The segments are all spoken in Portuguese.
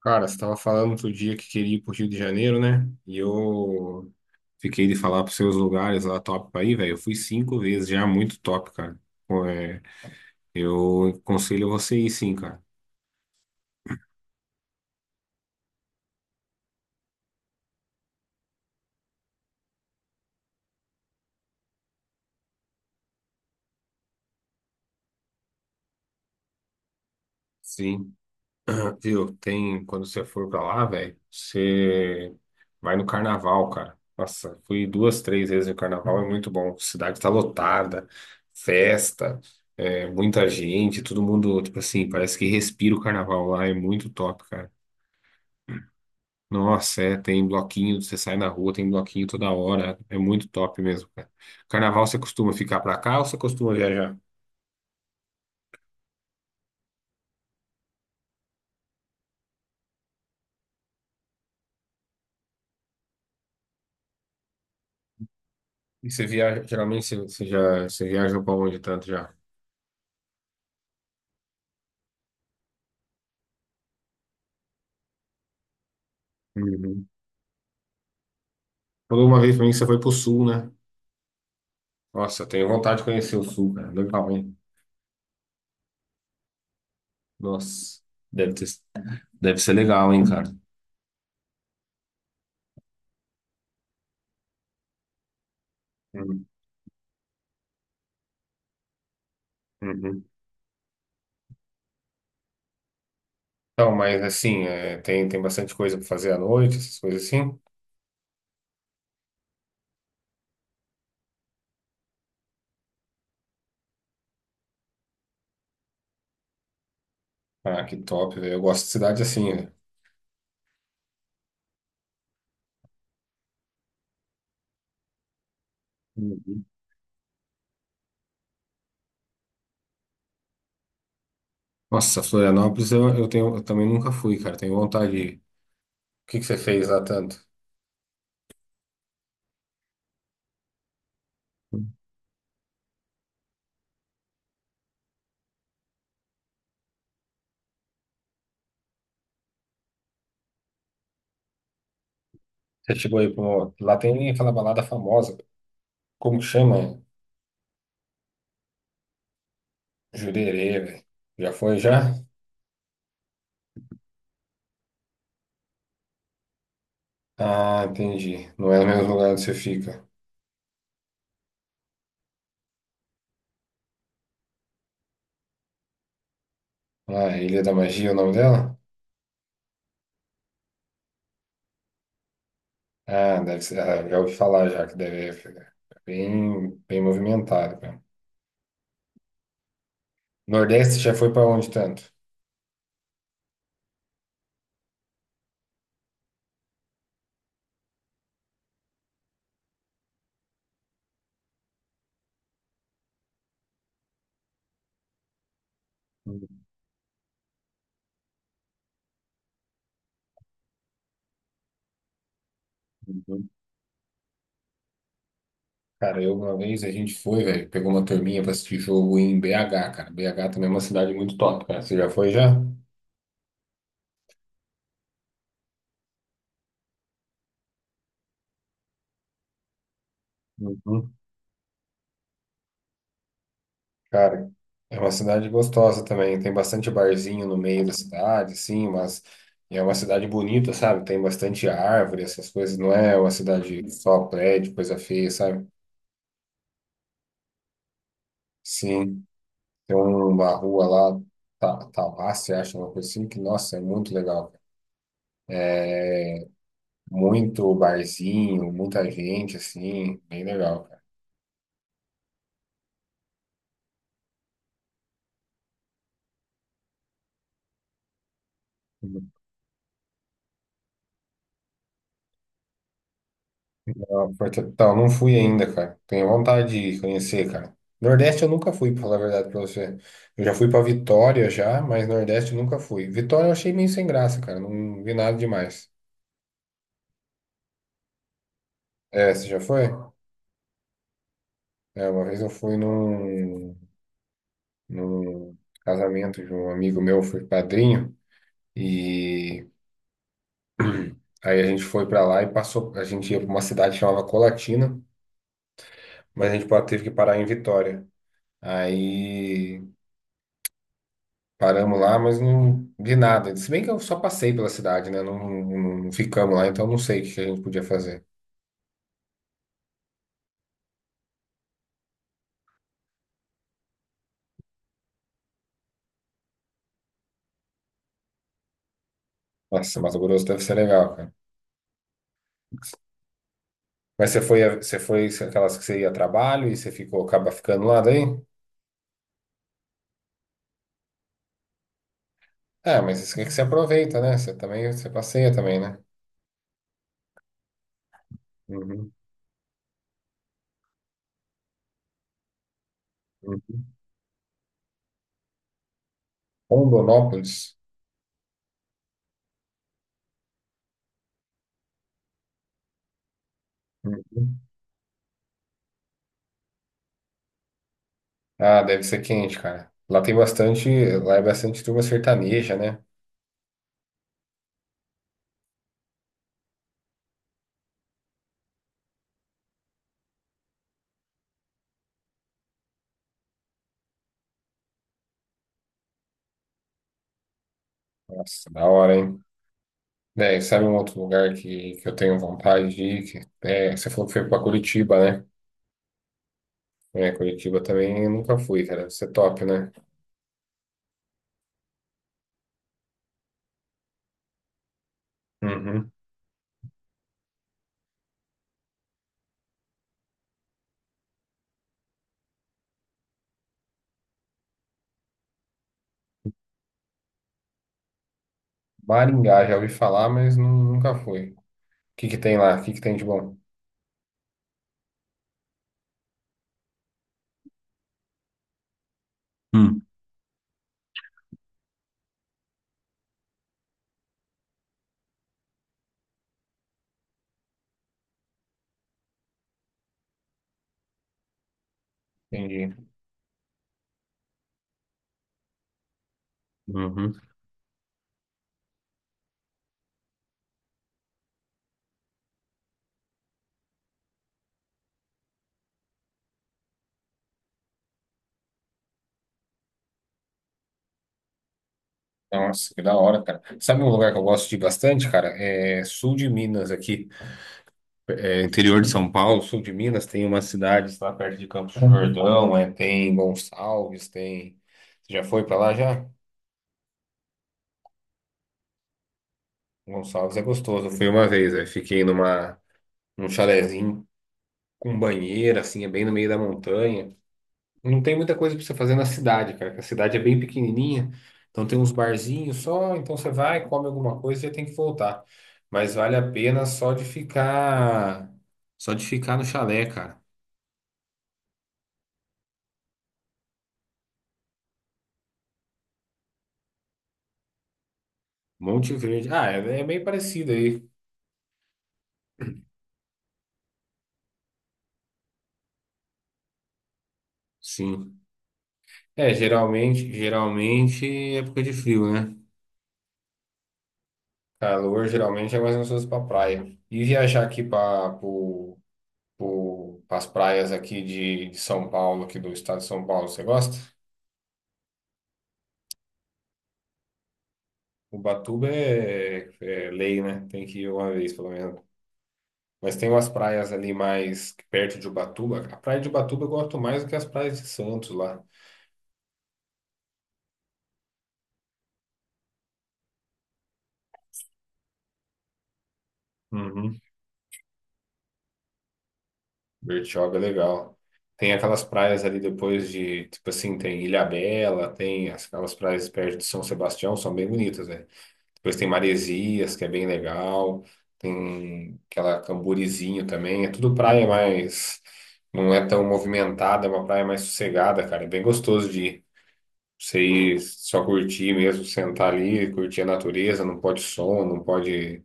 Cara, você estava falando outro dia que queria ir pro Rio de Janeiro, né? E eu fiquei de falar pros seus lugares lá top pra ir, velho. Eu fui cinco vezes já, muito top, cara. Pô, é, eu aconselho você ir sim, cara. Sim. Viu? Quando você for pra lá, velho, você vai no carnaval, cara. Nossa, fui duas, três vezes no carnaval, é muito bom. Cidade tá lotada, festa, é, muita gente, todo mundo, tipo assim, parece que respira o carnaval lá, é muito top, cara. Nossa, é, tem bloquinho, você sai na rua, tem bloquinho toda hora, é muito top mesmo, cara. Carnaval você costuma ficar pra cá ou você costuma viajar? E você viaja, geralmente você viaja pra onde tanto já? Uhum. Falou uma vez pra mim que você foi pro sul, né? Nossa, eu tenho vontade de conhecer o sul, cara, legal, hein? Nossa, deve ter, deve ser legal, hein, cara? Uhum. Uhum. Então, mas assim, é, tem bastante coisa pra fazer à noite, essas coisas assim. Ah, que top, velho. Eu gosto de cidade assim, né? Nossa, Florianópolis eu tenho, eu também nunca fui, cara. Tenho vontade de ir. O que que você fez lá tanto? Você chegou aí pra uma... Lá tem aquela balada famosa. Como que chama? Jurerê, velho. Já foi, já? Ah, entendi. Não é o mesmo lugar onde você fica. Ah, Ilha da Magia é o nome dela? Ah, deve ser. Ah, já ouvi falar já que deve ser bem, bem movimentado, cara. Nordeste já foi pra onde tanto? Cara, eu uma vez a gente foi, velho, pegou uma turminha pra assistir jogo em BH, cara. BH também é uma cidade muito top, cara. Você já foi já? Uhum. Cara, é uma cidade gostosa também. Tem bastante barzinho no meio da cidade, sim, mas é uma cidade bonita, sabe? Tem bastante árvore, essas coisas. Não é uma cidade só prédio, coisa feia, sabe? Sim, tem uma rua lá, Tauácia, acho, uma coisa assim, que, nossa, é muito legal, cara. Muito barzinho, muita gente, assim, bem legal, cara. Então, não fui ainda, cara. Tenho vontade de conhecer, cara. Nordeste eu nunca fui, pra falar a verdade pra você. Eu já fui pra Vitória já, mas Nordeste eu nunca fui. Vitória eu achei meio sem graça, cara. Não vi nada demais. É, você já foi? É, uma vez eu fui num casamento de um amigo meu, fui padrinho, e aí a gente foi pra lá e passou. A gente ia pra uma cidade que chamava Colatina, mas a gente teve que parar em Vitória. Aí. Paramos lá, mas não vi nada. Se bem que eu só passei pela cidade, né? Não ficamos lá, então não sei o que que a gente podia fazer. Nossa, Mato Grosso deve ser legal, cara. Mas você foi, você foi aquelas que você ia a trabalho e você ficou, acaba ficando lá daí? É, mas isso é que você aproveita, né? Você também, você passeia também, né? Uhum. Uhum. Rondonópolis. Uhum. Ah, deve ser quente, cara. Lá tem bastante, lá é bastante turma sertaneja, né? Nossa, da hora, hein? Daí, sabe um outro lugar que eu tenho vontade de ir? Que, é, você falou que foi pra Curitiba, né? É, Curitiba também eu nunca fui, cara. Isso é top, né? Uhum. Maringá, já ouvi falar, mas nunca fui. O que que tem lá? O que que tem de bom? Hum. Entendi. Uhum. Nossa, que da hora, cara. Sabe um lugar que eu gosto de ir bastante, cara? É sul de Minas aqui. É, interior de São Paulo, sul de Minas, tem umas cidades lá perto de Campos do Jordão, é, tem Gonçalves, tem. Você já foi pra lá já? Gonçalves é gostoso. Eu fui uma vez, aí fiquei num chalezinho com banheira, assim, é bem no meio da montanha. Não tem muita coisa pra você fazer na cidade, cara, que a cidade é bem pequenininha. Então tem uns barzinhos só, então você vai, come alguma coisa e já tem que voltar. Mas vale a pena só de ficar no chalé, cara. Monte Verde. Ah, é, é meio parecido aí. Sim. É, geralmente é época de frio, né? Calor geralmente é mais gostoso pra praia. E viajar aqui as praias aqui de São Paulo, aqui do estado de São Paulo. Você gosta? Ubatuba é, é lei, né? Tem que ir uma vez, pelo menos. Mas tem umas praias ali mais perto de Ubatuba. A praia de Ubatuba eu gosto mais do que as praias de Santos lá. Uhum. Bertioga é legal. Tem aquelas praias ali depois de, tipo assim, tem Ilhabela, aquelas praias perto de São Sebastião, são bem bonitas, né? Depois tem Maresias, que é bem legal. Tem aquela Camburizinho também. É tudo praia mais. Não é tão movimentada, é uma praia mais sossegada, cara. É bem gostoso de ir. Você ir só curtir mesmo, sentar ali, curtir a natureza, não pode som, não pode.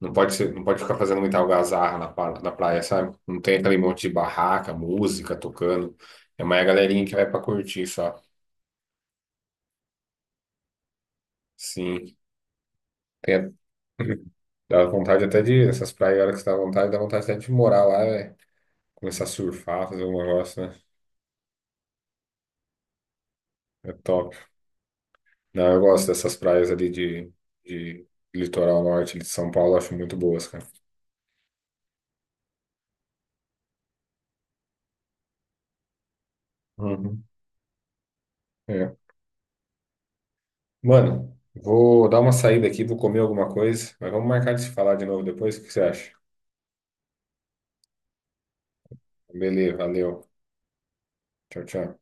Não pode ficar fazendo muita algazarra na praia, sabe? Não tem aquele monte de barraca, música tocando. É mais a galerinha que vai pra curtir só. Sim. Tem a- Dá vontade até de, essas praias, a hora que você dá vontade até de morar lá, velho. Começar a surfar, fazer um negócio, né? É top. Não, eu gosto dessas praias ali de litoral norte de São Paulo, eu acho muito boas, cara. Uhum. É. Mano, vou dar uma saída aqui, vou comer alguma coisa, mas vamos marcar de se falar de novo depois, o que você acha? Beleza, valeu. Tchau, tchau.